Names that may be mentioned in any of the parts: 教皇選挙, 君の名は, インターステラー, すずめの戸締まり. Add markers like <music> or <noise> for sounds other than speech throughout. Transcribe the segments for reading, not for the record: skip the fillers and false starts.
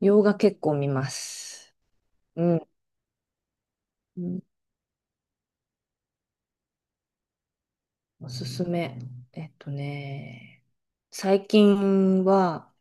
洋画結構見ます。うん。うん、おすすめ。えっとね、最近は、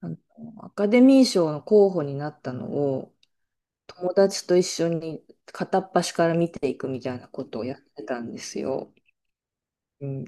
あの、アカデミー賞の候補になったのを、友達と一緒に片っ端から見ていくみたいなことをやってたんですよ。うん。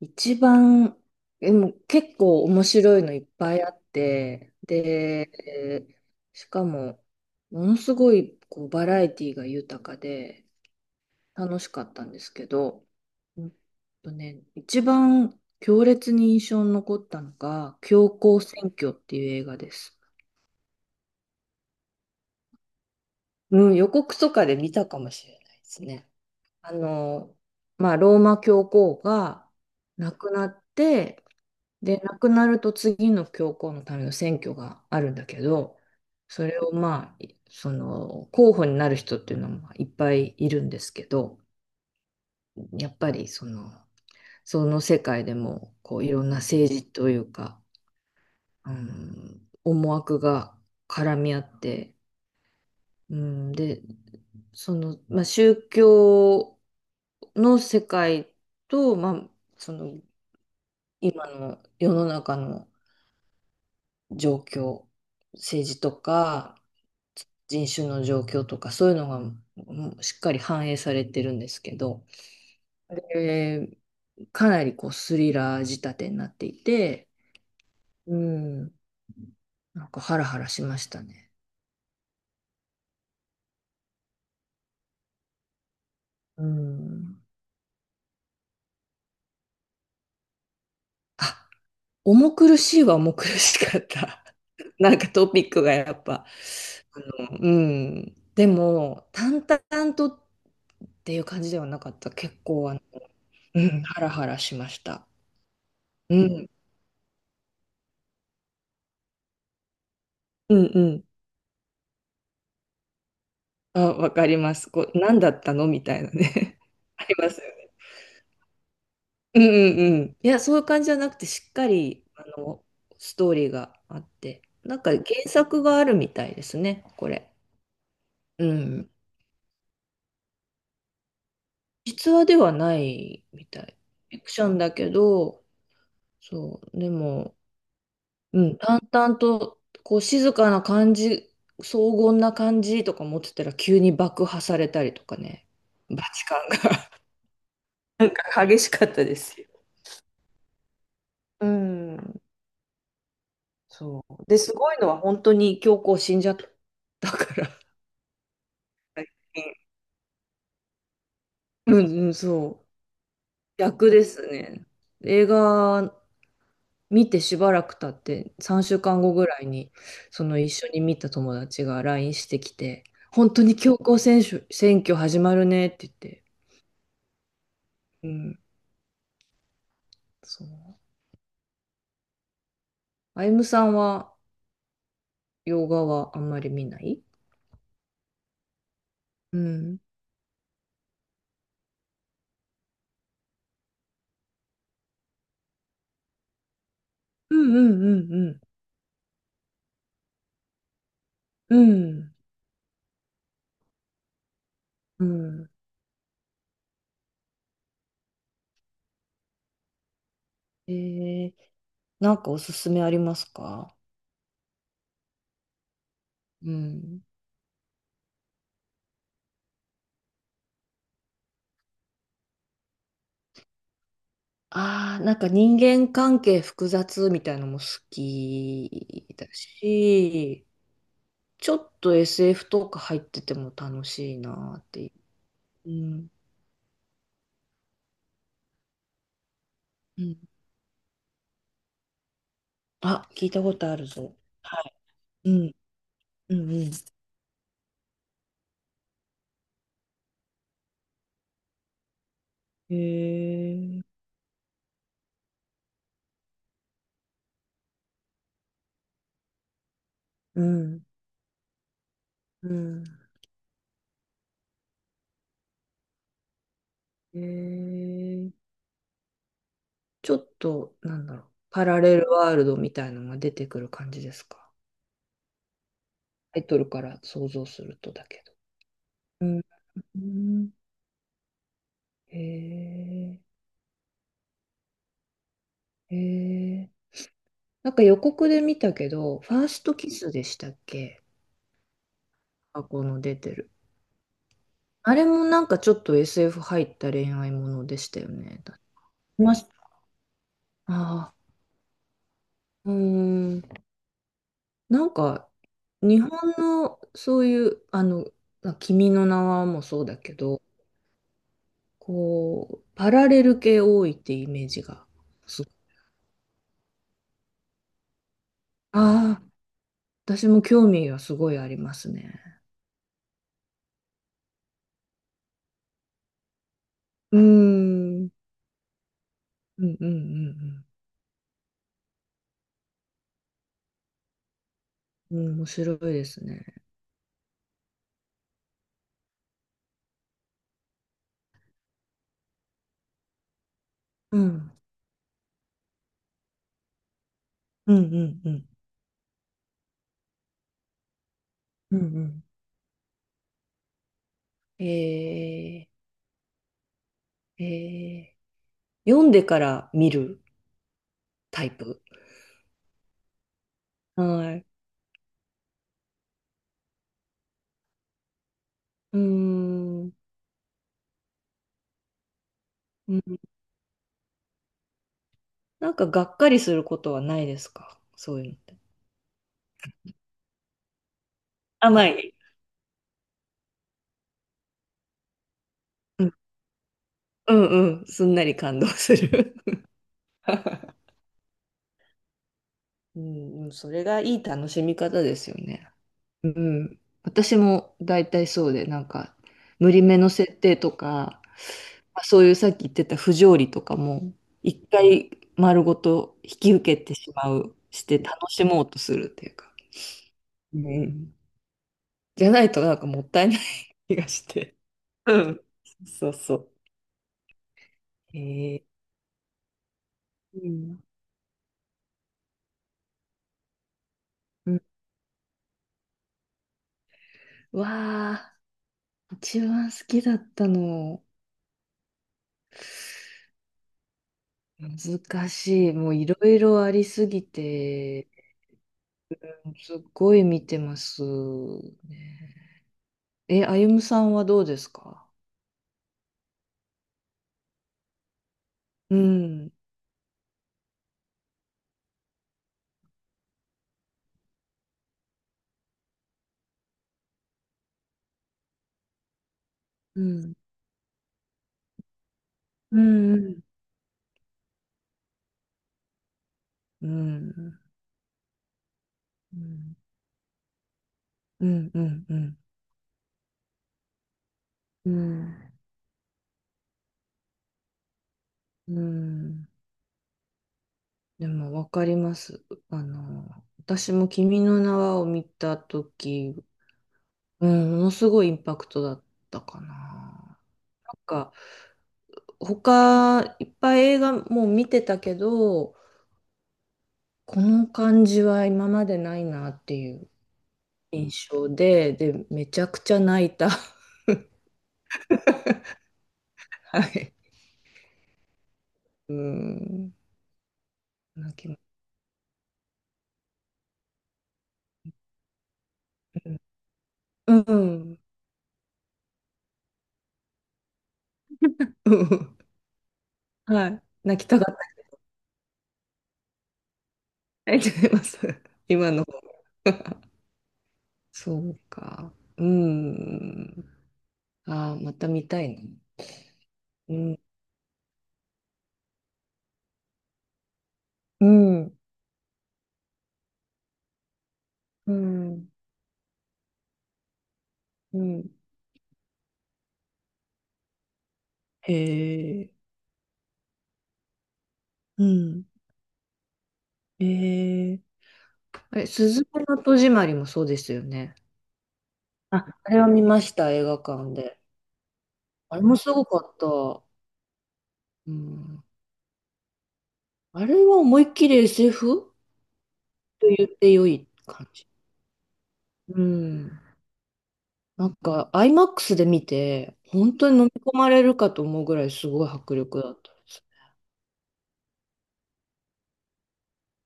一番、でも結構面白いのいっぱいあって、で、しかも、ものすごいこうバラエティが豊かで、楽しかったんですけど、うん一番強烈に印象に残ったのが、教皇選挙っていう映画です。うん、予告とかで見たかもしれないですね。あの、まあ、ローマ教皇が亡くなって、で、亡くなると次の教皇のための選挙があるんだけど、それをまあ、いその、候補になる人っていうのもいっぱいいるんですけど、やっぱりその世界でもこういろんな政治というか、うん、思惑が絡み合って、うん、でその、まあ、宗教の世界と、まあ、その今の世の中の状況政治とか人種の状況とかそういうのがしっかり反映されてるんですけど、えーかなりこうスリラー仕立てになっていて。うん。なんかハラハラしましたね。うん。あ、重苦しいは重苦しかった。<laughs> なんかトピックがやっぱ。あうん。でも、淡々とっていう感じではなかった。結構、うん、ハラハラしました。うん。うんうん。あ、わかります。こう、何だったのみたいなね。<laughs> ありますよね。うんうんうん。いや、そういう感じじゃなくて、しっかり、ストーリーがあって、なんか原作があるみたいですね、これ。うん。実話ではないみたい。フィクションだけど、そう、でも、うん、淡々と、こう、静かな感じ、荘厳な感じとか持ってたら、急に爆破されたりとかね、バチカンが <laughs> なんか激しかったですよ。うん、そう。で、すごいのは、本当に教皇死んじゃったからうんうん、そう。逆ですね。映画見てしばらく経って、3週間後ぐらいに、その一緒に見た友達が LINE してきて、本当に強行選手、選挙始まるねって言って。うん、そう。あゆむさんは、洋画はあんまり見ない？うん。うんうんうんうん。うん。うん。えー、なんかおすすめありますか？うん。ああ、なんか人間関係複雑みたいのも好きだし、ちょっと SF とか入ってても楽しいなっていう。うん。うん。あ、聞いたことあるぞ。はい。うん。うんうん。へえ。うん。うん。へえ。ちょっと、なんだろう。パラレルワールドみたいのが出てくる感じですか？タイトルから想像するとだけど。うん。うんへえ。へえ。なんか予告で見たけど、ファーストキスでしたっけ？あ、この出てる。あれもなんかちょっと SF 入った恋愛ものでしたよね。見ました？ああ、うーん。なんか、日本のそういう、まあ君の名はもそうだけど、こう、パラレル系多いってイメージがすごい。ああ、私も興味がすごいありますね。うーん。うんうんうんうん。うん面白いですね。うん。うんうんうん。うんうんえー、え読んでから見るタイプ。はい。うーん。うんなんかがっかりすることはないですかそういうのって？甘い。うんうんうん。すんなり感動する。<laughs> うんうん。それがいい楽しみ方ですよね。うん。私も大体そうで、なんか、無理めの設定とか、まあそういうさっき言ってた不条理とかも、一回丸ごと引き受けてしまう、して楽しもうとするっていうか。うん。じゃないとなんかもったいない気がして。うん。そうそう。へえうん。うんわあ、一番好きだったの、難しい。もういろいろありすぎて、すっごい見てますね。え、あゆむさんはどうですか？うん。うん。うん。うん。うん。うん。うん。うん。うんうんでもわかります。あの、私も君の名はを見たとき、うん、ものすごいインパクトだったかな。なんか、他、いっぱい映画もう見てたけど、この感じは今までないなっていう。印象で、めちゃくちゃ泣いた。<laughs> はい。うん。泣きま、うん。うん。うんはい。泣きたかった。泣いちゃいます。今の。<laughs> そうか。うん。ああ、また見たいな。うん。うん。うん。うん。へえ。うん。へえ。あれ、すずめの戸締まりもそうですよね。あ、あれは見ました、映画館で。あれもすごかった。うん。あれは思いっきり SF と言って良い感じ。うん。なんか IMAX で見て、本当に飲み込まれるかと思うぐらいすごい迫力だったです。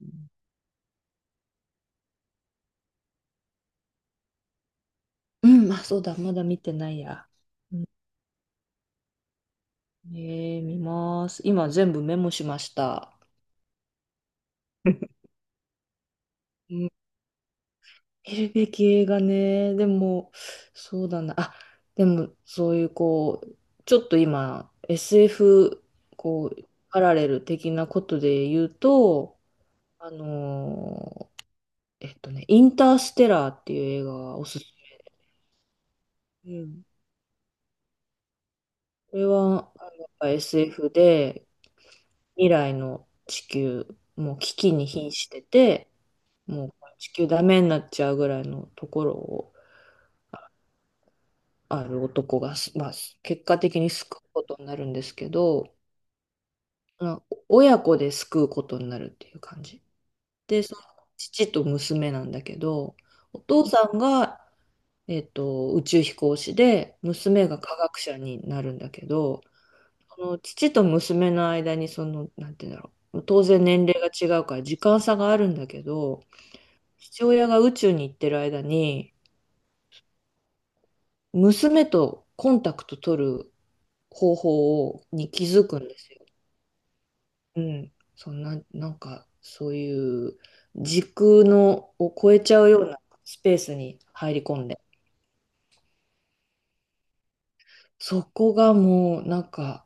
うん、うんあ、そうだ、まだ見てないや。ねえー、見ます。今全部メモしました。<laughs> うん見るべき映画ね。でも、そうだな。あ、でも、そういう、こう、ちょっと今、SF、こう、パラレル的なことで言うと、あのインターステラーっていう映画がおすすめうん。め。これは、やっぱ SF で、未来の地球、もう危機に瀕してて、もう地球ダメになっちゃうぐらいのところを、ある男がまあ、結果的に救うことになるんですけど、まあ親子で救うことになるっていう感じ。で、その父と娘なんだけど、お父さんが宇宙飛行士で、娘が科学者になるんだけど、その父と娘の間に、その、なんて言うんだろう、当然年齢が違うから時間差があるんだけど、父親が宇宙に行ってる間に、娘とコンタクト取る方法をに気づくんですよ。うん。そんな、なんか、そういう時空のを超えちゃうようなスペースに入り込んで。そこがもう、なんか、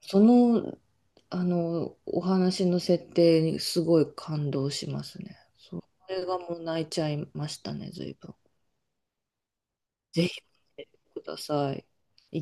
その、お話の設定にすごい感動しますね。そう。これがもう泣いちゃいましたね、随分。ぜひ見てください。